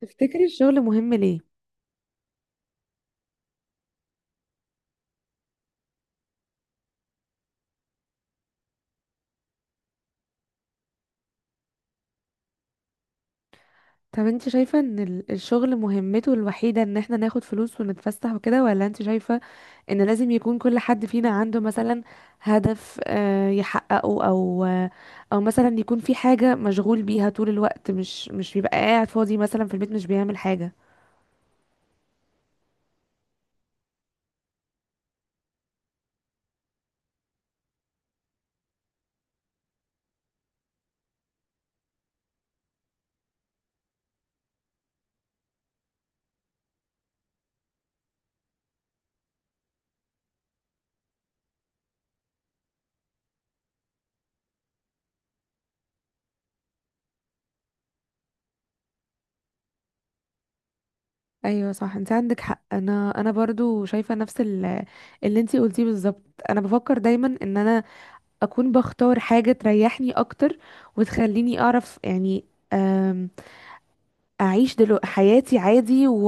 تفتكري الشغل مهم ليه؟ طب انت شايفة ان الشغل مهمته الوحيدة ان احنا ناخد فلوس ونتفسح وكده، ولا انت شايفة ان لازم يكون كل حد فينا عنده مثلا هدف يحققه، او او مثلا يكون في حاجة مشغول بيها طول الوقت، مش بيبقى قاعد فاضي مثلا في البيت مش بيعمل حاجة. ايوه صح، انت عندك حق. انا برضو شايفة نفس اللي انت قلتيه بالظبط. انا بفكر دايما ان انا اكون بختار حاجة تريحني اكتر وتخليني اعرف يعني اعيش دلو حياتي عادي،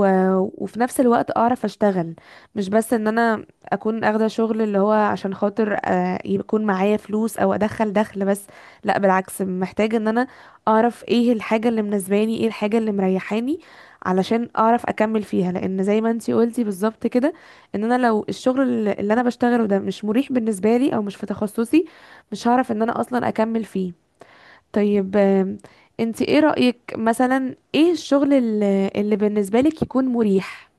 وفي نفس الوقت اعرف اشتغل. مش بس ان انا اكون اخده شغل اللي هو عشان خاطر يكون معايا فلوس او ادخل دخل بس. لا بالعكس، محتاجه ان انا اعرف ايه الحاجه اللي مناسباني، ايه الحاجه اللي مريحاني، علشان اعرف اكمل فيها. لان زي ما انتي قلتي بالظبط كده، ان انا لو الشغل اللي انا بشتغله ده مش مريح بالنسبه لي او مش في تخصصي، مش هعرف ان انا اصلا اكمل فيه. طيب انت ايه رأيك مثلا، ايه الشغل اللي بالنسبة لك يكون مريح؟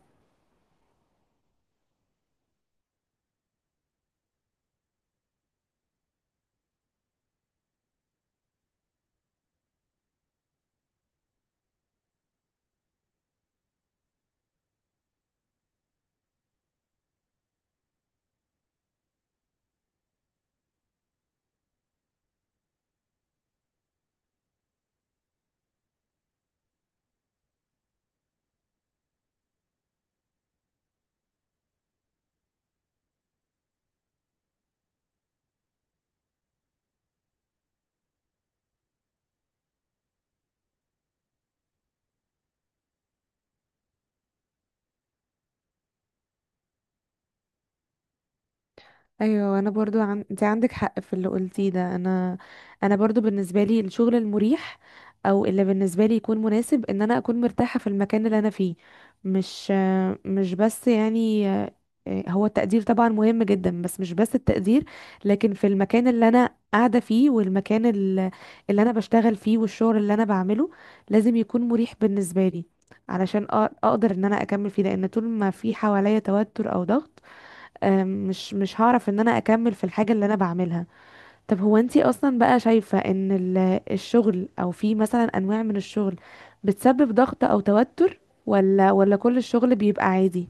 ايوه انا برضو انت عندك حق في اللي قلتيه ده. انا برضو بالنسبه لي الشغل المريح او اللي بالنسبه لي يكون مناسب، ان انا اكون مرتاحه في المكان اللي انا فيه. مش مش بس يعني هو التقدير طبعا مهم جدا، بس مش بس التقدير، لكن في المكان اللي انا قاعده فيه، والمكان اللي انا بشتغل فيه، والشغل اللي انا بعمله لازم يكون مريح بالنسبه لي علشان اقدر ان انا اكمل فيه. لان طول ما في حواليا توتر او ضغط، آم، مش مش هعرف ان انا اكمل في الحاجة اللي انا بعملها. طب هو انتي اصلا بقى شايفة ان الشغل، او في مثلا انواع من الشغل بتسبب ضغط او توتر، ولا كل الشغل بيبقى عادي؟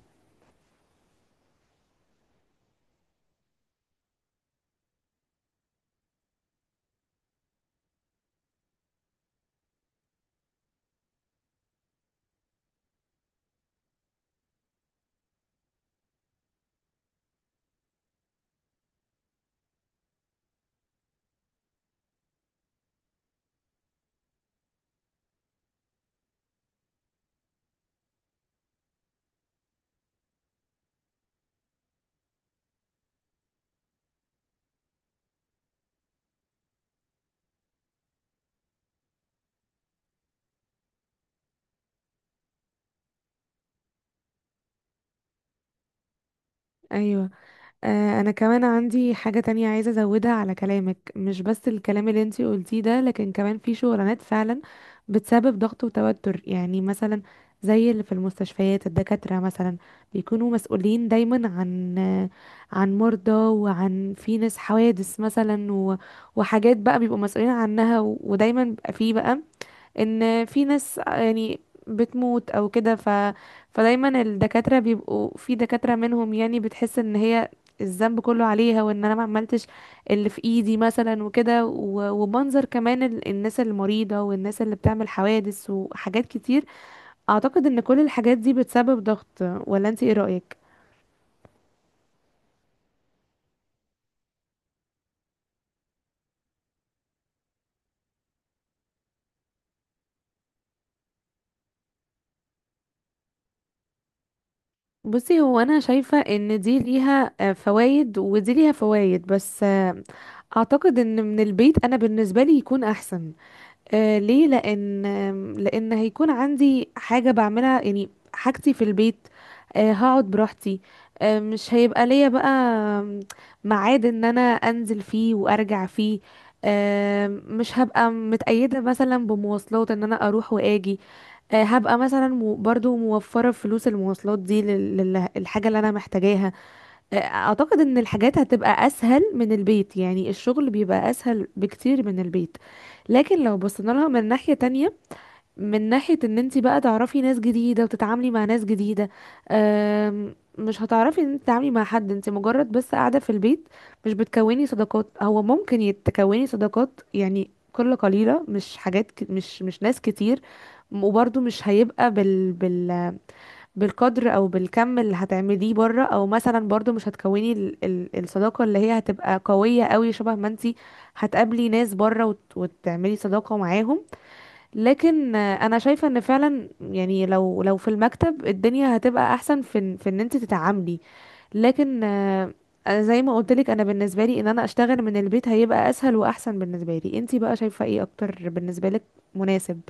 ايوه. انا كمان عندي حاجة تانية عايزة ازودها على كلامك. مش بس الكلام اللي انتي قلتيه ده، لكن كمان في شغلانات فعلا بتسبب ضغط وتوتر. يعني مثلا زي اللي في المستشفيات، الدكاترة مثلا بيكونوا مسؤولين دايما عن عن مرضى، وعن في ناس حوادث مثلا، وحاجات بقى بيبقوا مسؤولين عنها، ودايما بيبقى في بقى ان في ناس يعني بتموت او كده. فدايما الدكاترة بيبقوا، في دكاترة منهم يعني بتحس ان هي الذنب كله عليها، وان انا ما عملتش اللي في ايدي مثلا وكده، ومنظر كمان الناس المريضة، والناس اللي بتعمل حوادث، وحاجات كتير. اعتقد ان كل الحاجات دي بتسبب ضغط، ولا انت ايه رأيك؟ بصي، هو انا شايفة ان دي ليها فوائد ودي ليها فوائد، بس اعتقد ان من البيت انا بالنسبة لي يكون احسن. آه ليه؟ لان لان هيكون عندي حاجه بعملها يعني، حاجتي في البيت. آه هقعد براحتي. آه مش هيبقى ليا بقى آم، ميعاد ان انا انزل فيه وارجع فيه. آه مش هبقى متقيده مثلا بمواصلات ان انا اروح واجي. آه هبقى مثلا برضو موفره فلوس المواصلات دي للحاجه اللي انا محتاجاها. اعتقد ان الحاجات هتبقى اسهل من البيت. يعني الشغل بيبقى اسهل بكتير من البيت. لكن لو بصينا لها من ناحية تانية، من ناحية ان انت بقى تعرفي ناس جديدة وتتعاملي مع ناس جديدة، مش هتعرفي ان انت تتعاملي مع حد انت مجرد بس قاعدة في البيت. مش بتكوني صداقات. هو ممكن يتكوني صداقات يعني قلة قليلة، مش حاجات ك... مش مش ناس كتير. وبرضه مش هيبقى بالقدر او بالكم اللي هتعمليه بره. او مثلا برضو مش هتكوني ال الصداقة اللي هي هتبقى قوية قوي، شبه ما انتي هتقابلي ناس بره وتعملي صداقة معاهم. لكن انا شايفة ان فعلا يعني لو لو في المكتب الدنيا هتبقى احسن، في ان انتي تتعاملي. لكن أنا زي ما قلت لك، انا بالنسبة لي ان انا اشتغل من البيت هيبقى اسهل واحسن بالنسبة لي. انتي بقى شايفة ايه اكتر بالنسبة لك مناسب؟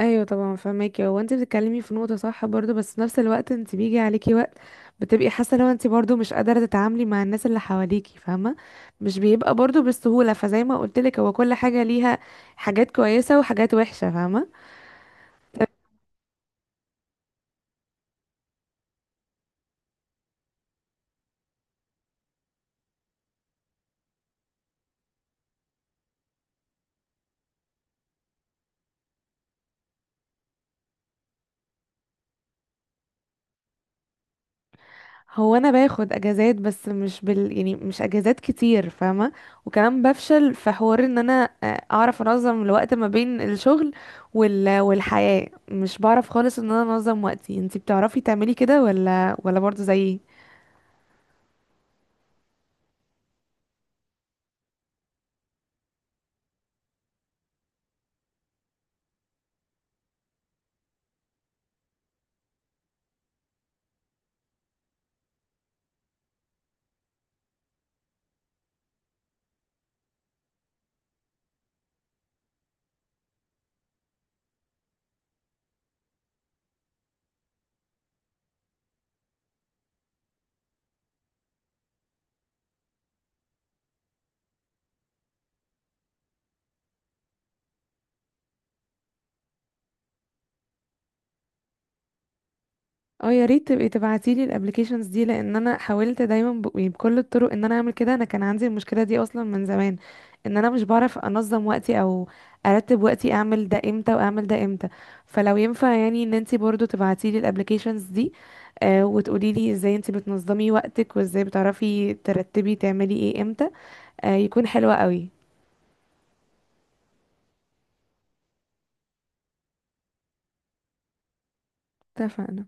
ايوه طبعا فهماكي. هو انت بتتكلمي في نقطه صح برضو، بس في نفس الوقت انت بيجي عليكي وقت بتبقي حاسه لو انت برضو مش قادره تتعاملي مع الناس اللي حواليكي، فاهمه؟ مش بيبقى برضو بالسهوله. فزي ما قلت لك، هو كل حاجه ليها حاجات كويسه وحاجات وحشه، فاهمه. هو انا باخد اجازات، بس مش بال يعني مش اجازات كتير، فاهمه. وكمان بفشل في حوار ان انا اعرف انظم الوقت ما بين الشغل والحياه. مش بعرف خالص ان انا انظم وقتي. انتي بتعرفي تعملي كده ولا برضه زيي؟ اه يا ريت تبقي تبعتيلي الابلكيشنز دي، لان انا حاولت دايما يعني بكل الطرق ان انا اعمل كده. انا كان عندي المشكله دي اصلا من زمان، ان انا مش بعرف انظم وقتي او ارتب وقتي، اعمل ده امتى واعمل ده امتى. فلو ينفع يعني ان انتي برضو تبعتيلي الابلكيشنز دي، آه وتقوليلي ازاي انتي بتنظمي وقتك وازاي بتعرفي ترتبي تعملي ايه امتى، آه يكون حلوة قوي. اتفقنا.